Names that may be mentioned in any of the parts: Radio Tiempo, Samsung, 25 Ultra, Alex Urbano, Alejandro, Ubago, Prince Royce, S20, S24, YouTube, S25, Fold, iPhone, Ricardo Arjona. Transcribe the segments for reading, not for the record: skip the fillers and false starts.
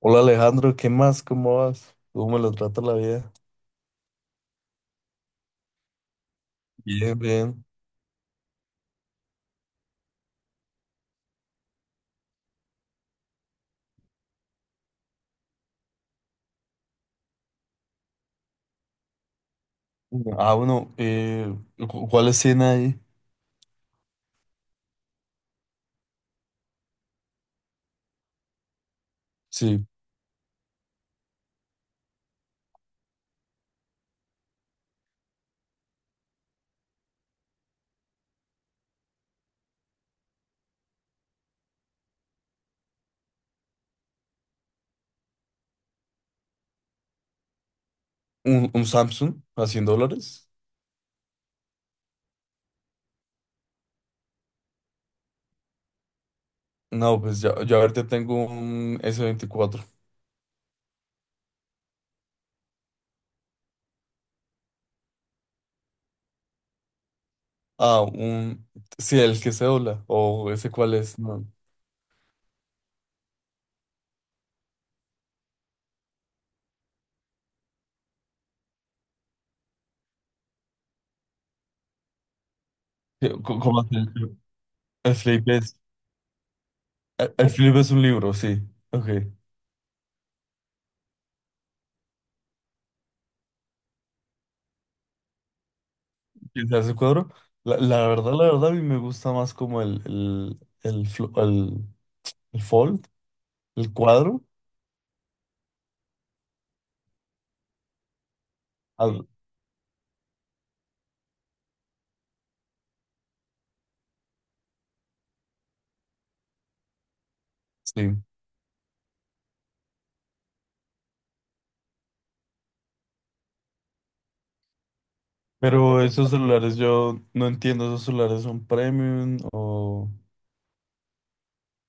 Hola, Alejandro, ¿qué más? ¿Cómo vas? ¿Cómo me lo trata la vida? Bien, bien. Ah, bueno, ¿cuáles tiene ahí? Sí, un Samsung a $100. No, pues ya, yo ahorita tengo un S24. Ah, un... Sí, el que se dobla. O ese cuál es. No. Sí, ¿Cómo hace el flip? El flip es... El flip es un libro, sí. Ok. ¿Quién se hace cuadro? La verdad, a mí me gusta más como el fold, el cuadro. Al- sí. Pero esos celulares, yo no entiendo, ¿esos celulares son premium o...?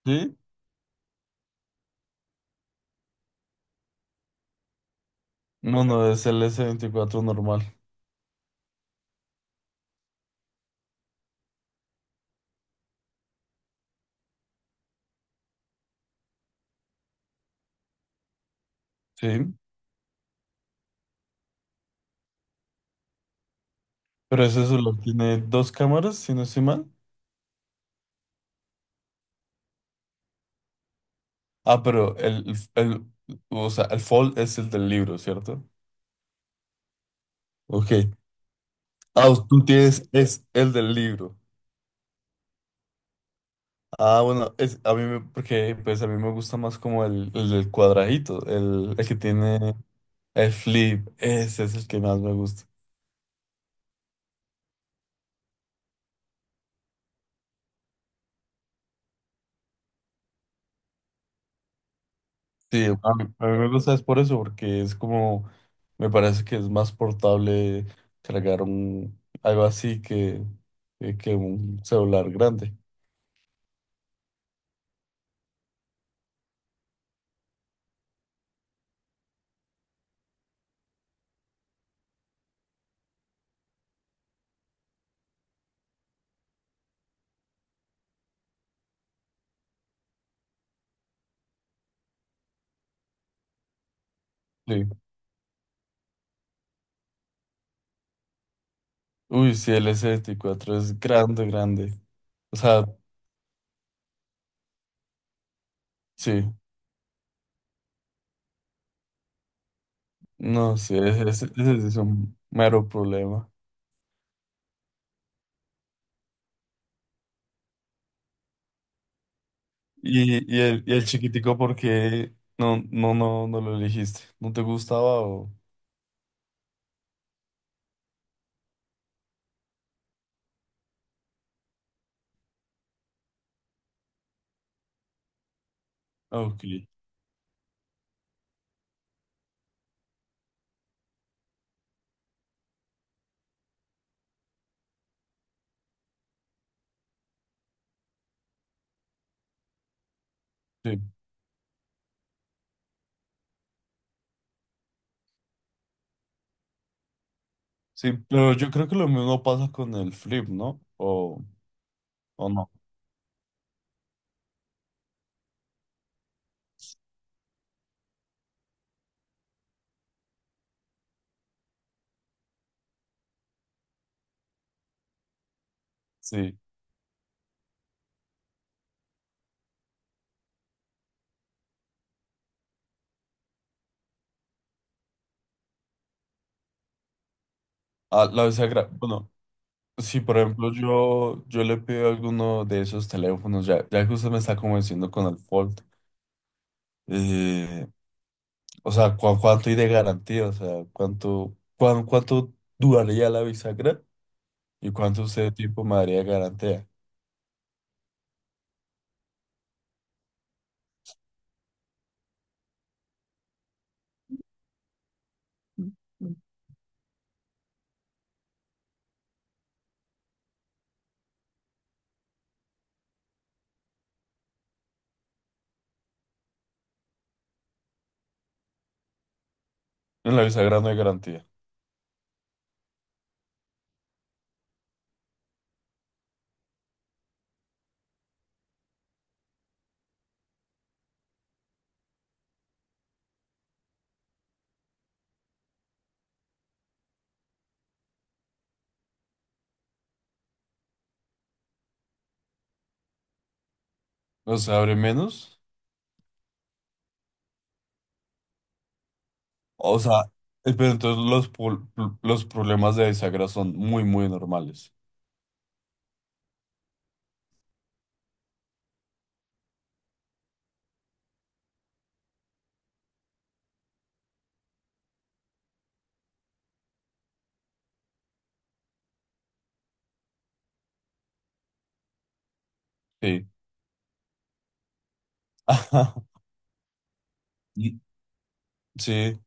Sí. No, no, es el S24 normal. Sí. Pero ese celular tiene dos cámaras, si no estoy mal. Ah, o sea, el Fold es el del libro, ¿cierto? Ok. Ah, tú tienes, es el del libro. Ah, bueno, es, a mí me, porque pues a mí me gusta más como el del cuadradito, el que tiene el flip, ese es el que más me gusta. Sí, a mí me gusta es por eso, porque es como, me parece que es más portable cargar algo así que un celular grande. Sí. Uy, sí, el S24 es grande, grande. O sea, sí, no, sí, ese sí es un mero problema. Y el chiquitico, ¿por qué no lo elegiste? ¿No te gustaba o...? Ah, Ok, sí. Sí, pero yo creo que lo mismo pasa con el flip, ¿no? O no. Sí, ah, la bisagra, bueno, si por ejemplo yo le pido alguno de esos teléfonos, ya que usted me está convenciendo con el Fold, eh, o sea, ¿cu- cuánto hay de garantía? O sea, ¿cuánto duraría la bisagra y cuánto usted de tiempo me daría de garantía? En la bisagra no hay garantía. O sea, abre menos. O sea, pero entonces los problemas de bisagra son muy, muy normales. Sí. Ajá. Sí,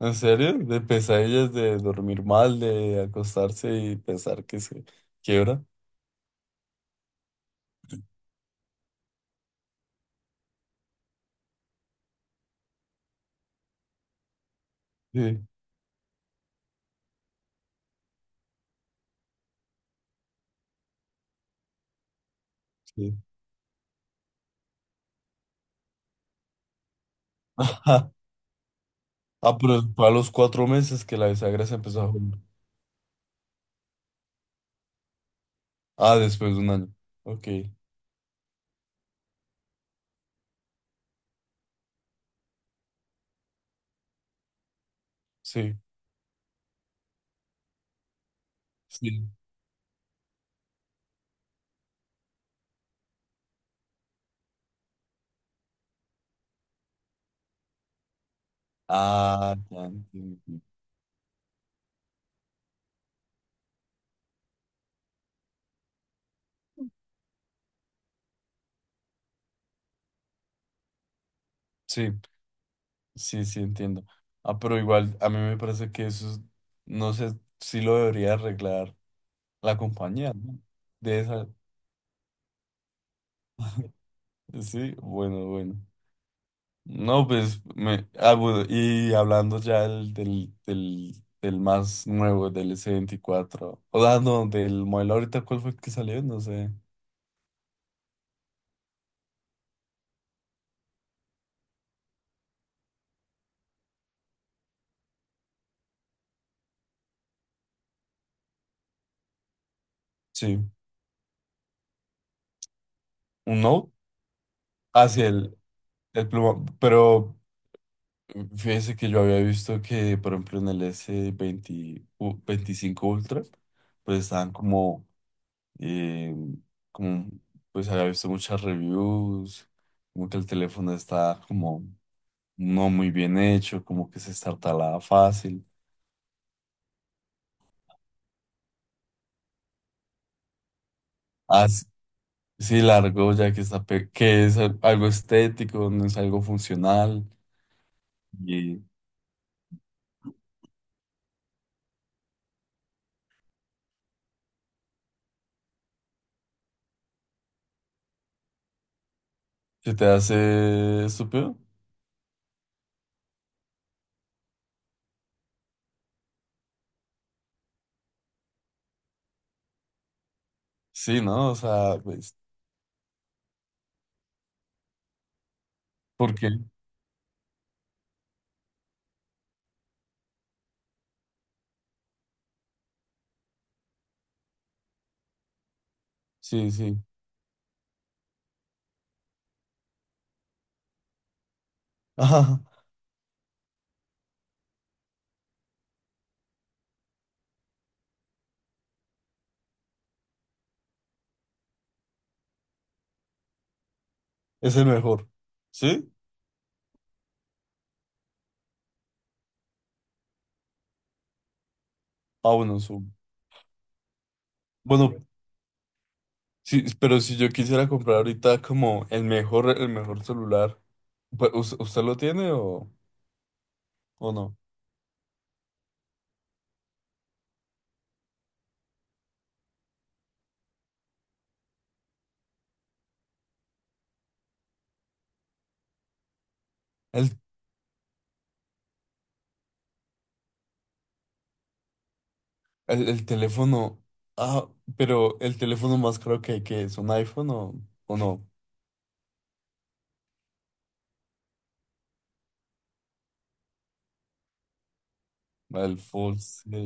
¿en serio? De pesadillas, de dormir mal, de acostarse y pensar que se quiebra. Sí, sí. Ah, pero fue a los cuatro meses que la bisagra se empezó a juntar. Ah, después de un año. Ok, sí, sí. Ah, ya entiendo. Sí, sí, sí, entiendo. Ah, pero igual, a mí me parece que eso es- no sé si lo debería arreglar la compañía, ¿no? De esa, sí, bueno, bueno. No, pues, me, ah, bueno, y hablando ya del más nuevo, del S24. O sea, no, del modelo ahorita, ¿cuál fue el que salió? No sé. Sí, un Note. Hacia el pluma. Pero fíjese que yo había visto que, por ejemplo, en el S20, u- 25 Ultra, pues estaban eh, como, pues había visto muchas reviews, como que el teléfono está como no muy bien hecho, como que se estartalaba fácil. Así, sí, sí, está que es algo estético, no es algo funcional y se te hace estúpido. Sí, ¿no? O sea, pues, ¿por qué? Sí, sí. Ajá, es el mejor. ¿Sí? Ah, bueno, su- Bueno, sí, pero si yo quisiera comprar ahorita como el mejor celular, pues, ¿usted lo tiene o no? el el teléfono. Ah, pero el teléfono más caro que es un iPhone o no. El full, sí,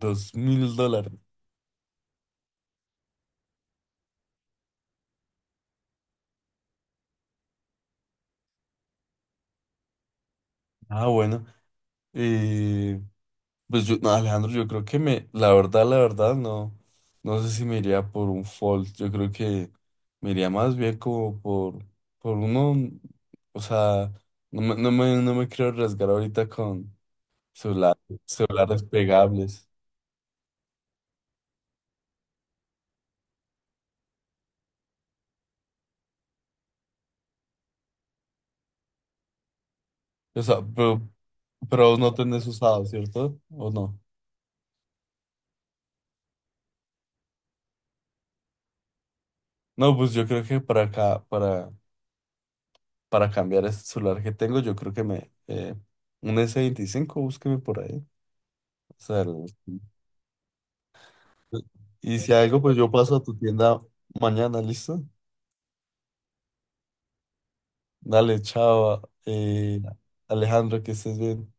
$2,000. Ah, bueno. Eh, pues yo, no, Alejandro, yo creo que me, la verdad, no. No sé si me iría por un Fold. Yo creo que me iría más bien como por uno. O sea, no me quiero arriesgar ahorita con celular, celulares pegables. O sea, pero vos no tenés usado, ¿cierto? ¿O no? No, pues yo creo que para acá, para cambiar este celular que tengo, yo creo que me, un S25 búsqueme por ahí. O sea, el- y si algo, pues yo paso a tu tienda mañana, ¿listo? Dale, chao, Alejandro, que estés bien.